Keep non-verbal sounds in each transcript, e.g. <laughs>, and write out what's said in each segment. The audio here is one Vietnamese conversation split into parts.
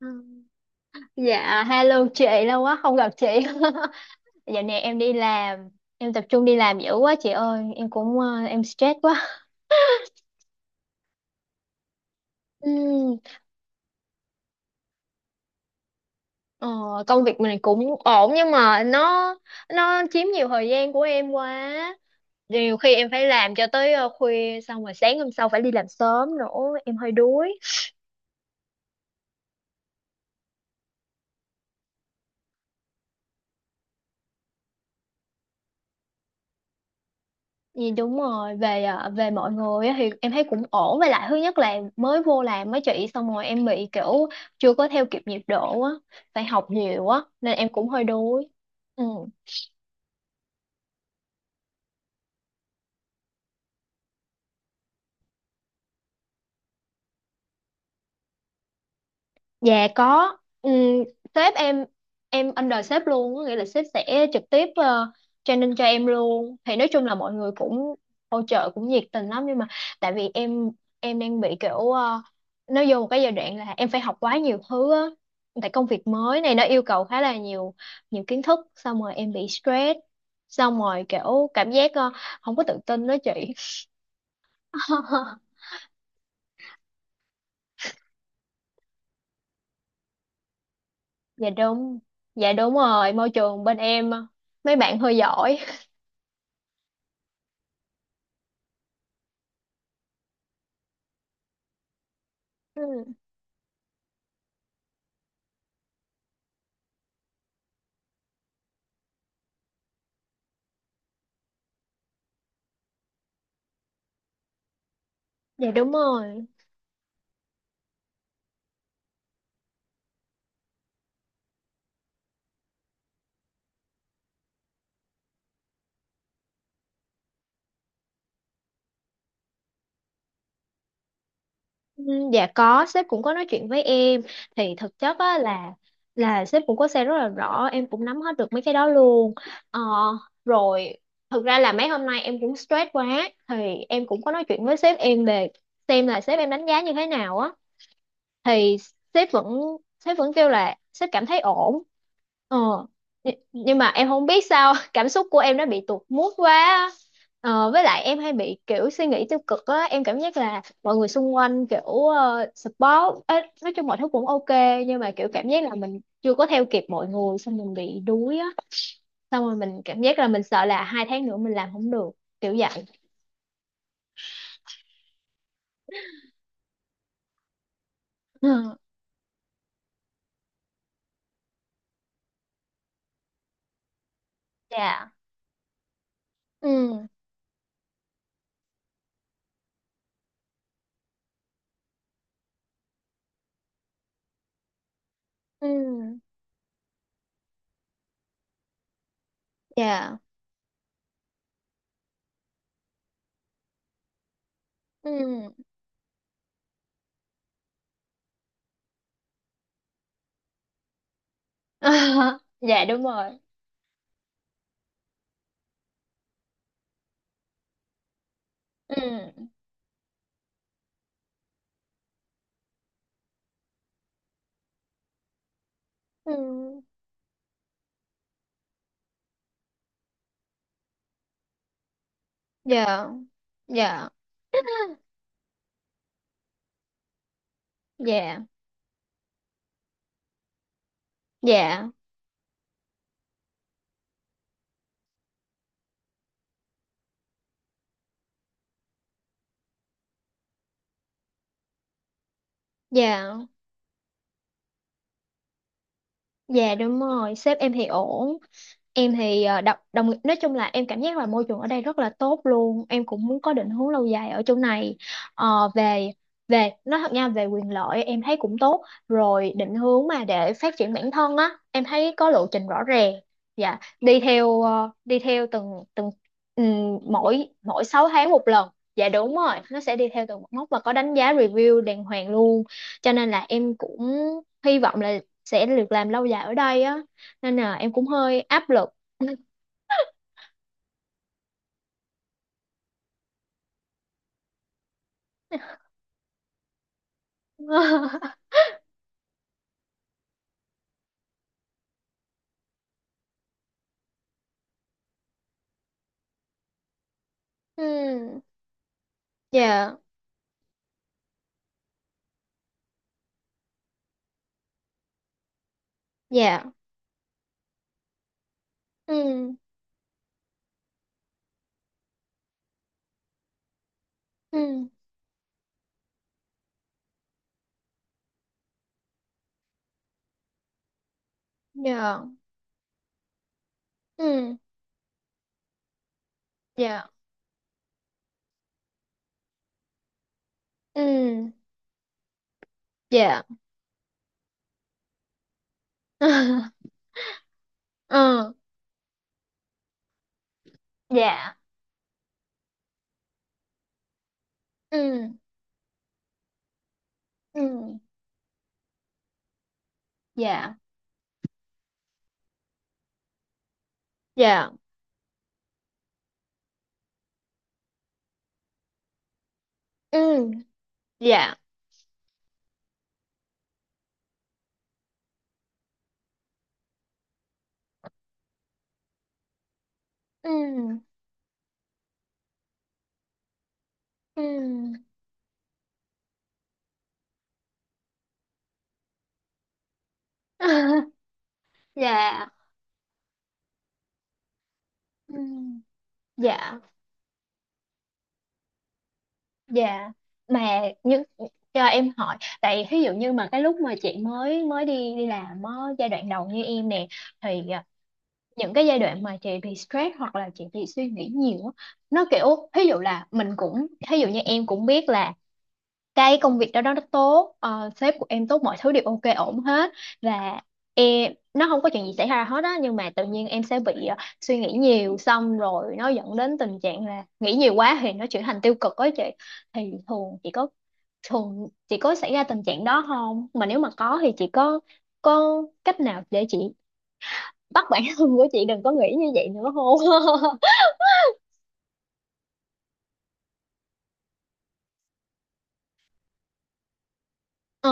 Ừ. Dạ, hello chị, lâu quá không gặp chị. <laughs> Dạo này em đi làm, em tập trung đi làm dữ quá chị ơi, em stress quá. Ừm, ờ, Công việc mình cũng ổn nhưng mà nó chiếm nhiều thời gian của em quá. Nhiều khi em phải làm cho tới khuya, xong rồi sáng hôm sau phải đi làm sớm nữa, em hơi đuối. Thì đúng rồi, về mọi người á thì em thấy cũng ổn. Với lại thứ nhất là mới vô làm mấy chị, xong rồi em bị kiểu chưa có theo kịp nhịp độ á, phải học nhiều á nên em cũng hơi đuối. Ừ. Dạ có. Ừm, Sếp em under sếp luôn, có nghĩa là sếp sẽ trực tiếp training cho em luôn. Thì nói chung là mọi người cũng hỗ trợ cũng nhiệt tình lắm, nhưng mà tại vì em đang bị kiểu nó vô một cái giai đoạn là em phải học quá nhiều thứ á, tại công việc mới này nó yêu cầu khá là nhiều, nhiều kiến thức, xong rồi em bị stress, xong rồi kiểu cảm giác không có tự tin đó chị. <laughs> Dạ đúng. Dạ đúng rồi, môi trường bên em mấy bạn hơi giỏi. <laughs> Dạ đúng rồi. Ừ. Dạ có, sếp cũng có nói chuyện với em, thì thực chất á là sếp cũng có xe rất là rõ, em cũng nắm hết được mấy cái đó luôn. Ờ, Rồi thực ra là mấy hôm nay em cũng stress quá, thì em cũng có nói chuyện với sếp em về, xem là sếp em đánh giá như thế nào á, thì sếp vẫn sếp vẫn kêu là sếp cảm thấy ổn. ờ nhưng mà em không biết sao <laughs> cảm xúc của em nó bị tụt mood quá á. Với lại em hay bị kiểu suy nghĩ tiêu cực á, em cảm giác là mọi người xung quanh kiểu support ấy, nói chung mọi thứ cũng ok, nhưng mà kiểu cảm giác là mình chưa có theo kịp mọi người, xong mình bị đuối á, xong rồi mình cảm giác là mình sợ là 2 tháng nữa mình làm không được, kiểu vậy. Ừ. Dạ. Ừ. Ừ. Dạ. Ừ. <laughs> Dạ đúng rồi. Ừ. Ừ. Dạ. Dạ. <laughs> Dạ. Dạ. Dạ. Dạ đúng rồi, sếp em thì ổn. Em thì đọc đồng, nói chung là em cảm giác là môi trường ở đây rất là tốt luôn, em cũng muốn có định hướng lâu dài ở chỗ này. Ờ, về về nói thật nha, về quyền lợi em thấy cũng tốt rồi, định hướng mà để phát triển bản thân á em thấy có lộ trình rõ ràng. Dạ, đi theo từng từng mỗi mỗi 6 tháng một lần. Dạ đúng rồi, nó sẽ đi theo từng một mốc và có đánh giá review đàng hoàng luôn, cho nên là em cũng hy vọng là sẽ được làm lâu dài ở đây á, nên là em cũng hơi áp lực. <laughs> Ừ. Dạ. Dạ. Ừ. Ừ. Dạ. Ừ. Dạ. Ừ. Dạ. <laughs> Ừ. Dạ. Ừ. Ừ. Dạ. Dạ. Ừ. Dạ. Ừ. Ừ. <laughs> Dạ. Ừ. Dạ. Dạ. Mà những cho em hỏi, tại ví dụ như mà cái lúc mà chị mới mới đi đi làm á, giai đoạn đầu như em nè, thì à, những cái giai đoạn mà chị bị stress hoặc là chị bị suy nghĩ nhiều á, nó kiểu ví dụ là mình cũng, ví dụ như em cũng biết là cái công việc đó đó nó tốt, sếp của em tốt, mọi thứ đều ok ổn hết, và em nó không có chuyện gì xảy ra hết á, nhưng mà tự nhiên em sẽ bị suy nghĩ nhiều, xong rồi nó dẫn đến tình trạng là nghĩ nhiều quá thì nó chuyển thành tiêu cực á chị. Thì thường chị có xảy ra tình trạng đó không, mà nếu mà có thì chị có cách nào để chị bắt bản thân của chị đừng có nghĩ như vậy nữa hôn? <laughs> Ờ.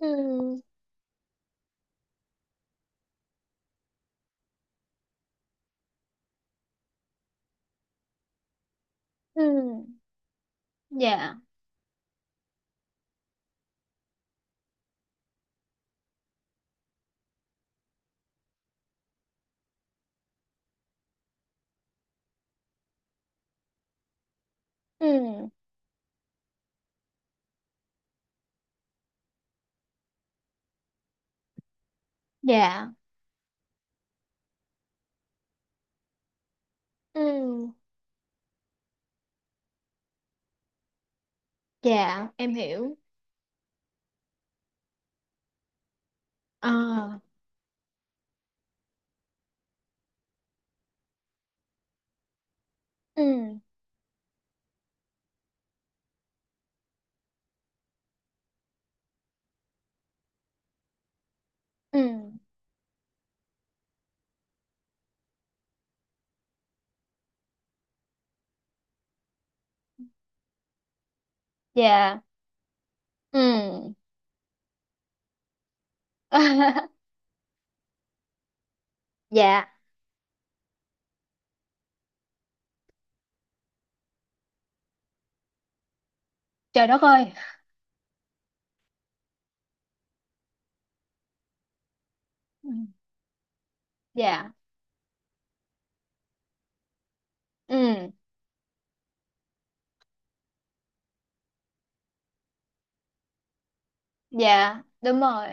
Ừ. Ừ. Dạ. Ừ. Dạ. Ừ. Dạ em hiểu. Ờ. Ừ. Ừ. Dạ. Ừ. <laughs> Dạ. Trời đất ơi. Ừ. Dạ. Ừ. Dạ đúng rồi.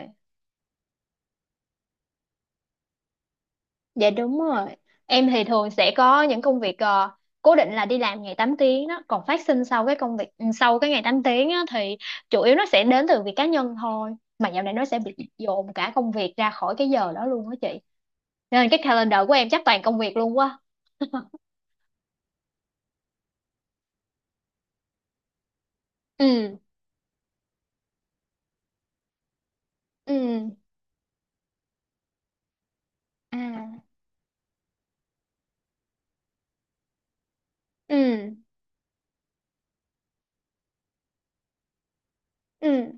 Dạ đúng rồi. Em thì thường sẽ có những công việc cố định là đi làm ngày 8 tiếng đó, còn phát sinh sau cái công việc ừ, sau cái ngày 8 tiếng á, thì chủ yếu nó sẽ đến từ việc cá nhân thôi. Mà dạo này nó sẽ bị dồn cả công việc ra khỏi cái giờ đó luôn đó chị. Nên cái calendar của em chắc toàn công việc luôn quá. Ừ. Ừ. À. Ừ. Ừ.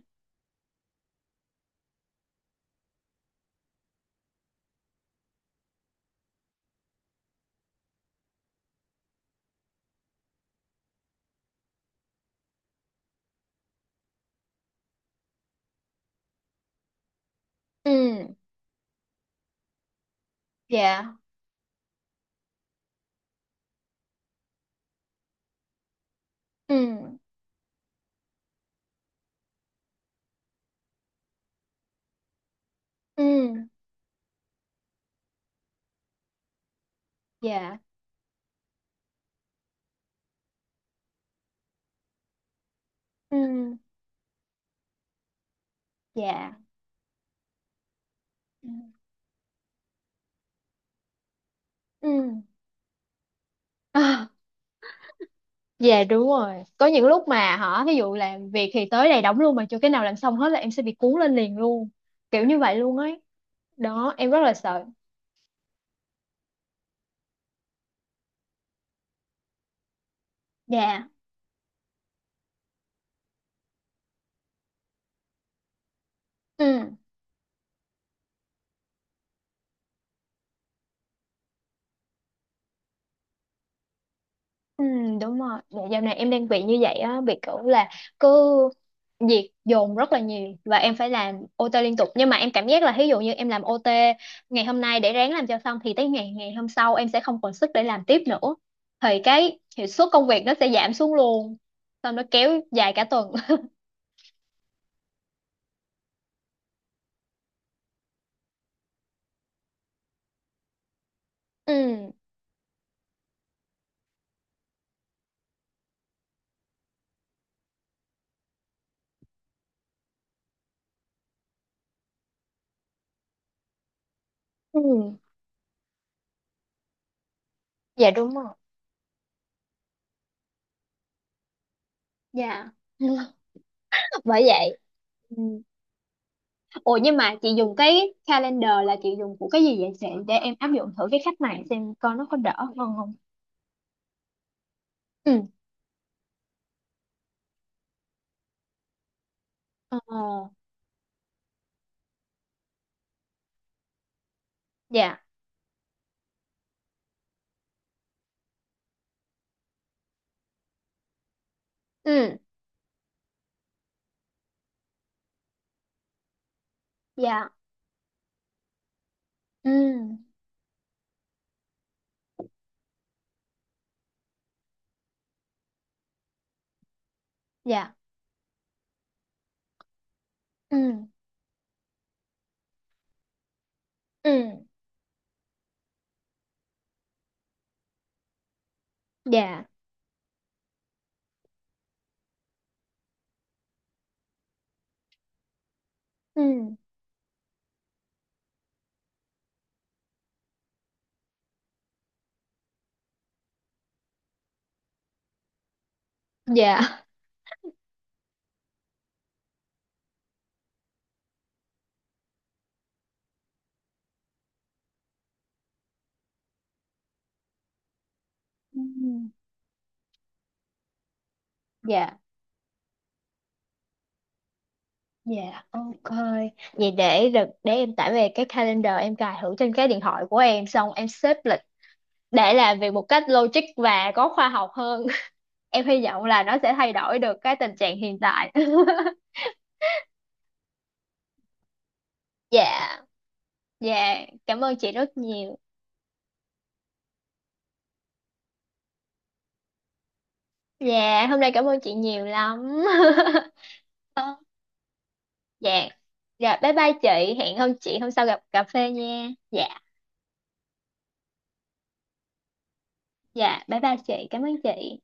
Ừ. Dạ. Ừ. Ừ. Dạ. Ừ. Dạ. Ừ. Ừ. <laughs> Dạ đúng rồi. Có những lúc mà hả, ví dụ làm việc thì tới đây đóng luôn mà chưa cái nào làm xong hết, là em sẽ bị cuốn lên liền luôn, kiểu như vậy luôn ấy. Đó, em rất là sợ. Dạ. Ừ. Ừ đúng rồi. Dạ dạo này em đang bị như vậy á, bị kiểu là cứ việc dồn rất là nhiều, và em phải làm OT liên tục. Nhưng mà em cảm giác là ví dụ như em làm OT ngày hôm nay để ráng làm cho xong, thì tới ngày ngày hôm sau em sẽ không còn sức để làm tiếp nữa, thì cái hiệu suất công việc nó sẽ giảm xuống luôn, xong nó kéo dài cả tuần. <laughs> Ừ. Ừ. Dạ đúng rồi. Dạ. <laughs> Bởi vậy. Ừ. Ủa nhưng mà chị dùng cái calendar là chị dùng của cái gì vậy chị? Để em áp dụng thử cái cách này, xem coi nó có đỡ hơn không. Ừ. Ờ. Dạ. Ừ. Dạ. Ừ. Dạ. Ừ. Ừ. Dạ. Ừ. Dạ. Ừ. Dạ. Dạ. Ok. Vậy để em tải về cái calendar, em cài thử trên cái điện thoại của em, xong em xếp lịch để làm việc một cách logic và có khoa học hơn. Em hy vọng là nó sẽ thay đổi được cái tình trạng hiện tại. <laughs> Dạ. Dạ, cảm ơn chị rất nhiều. Dạ hôm nay cảm ơn chị nhiều lắm. <laughs> Dạ. Dạ bye bye chị. Hẹn hôm chị hôm sau gặp cà phê nha. Dạ. Dạ bye bye chị, cảm ơn chị.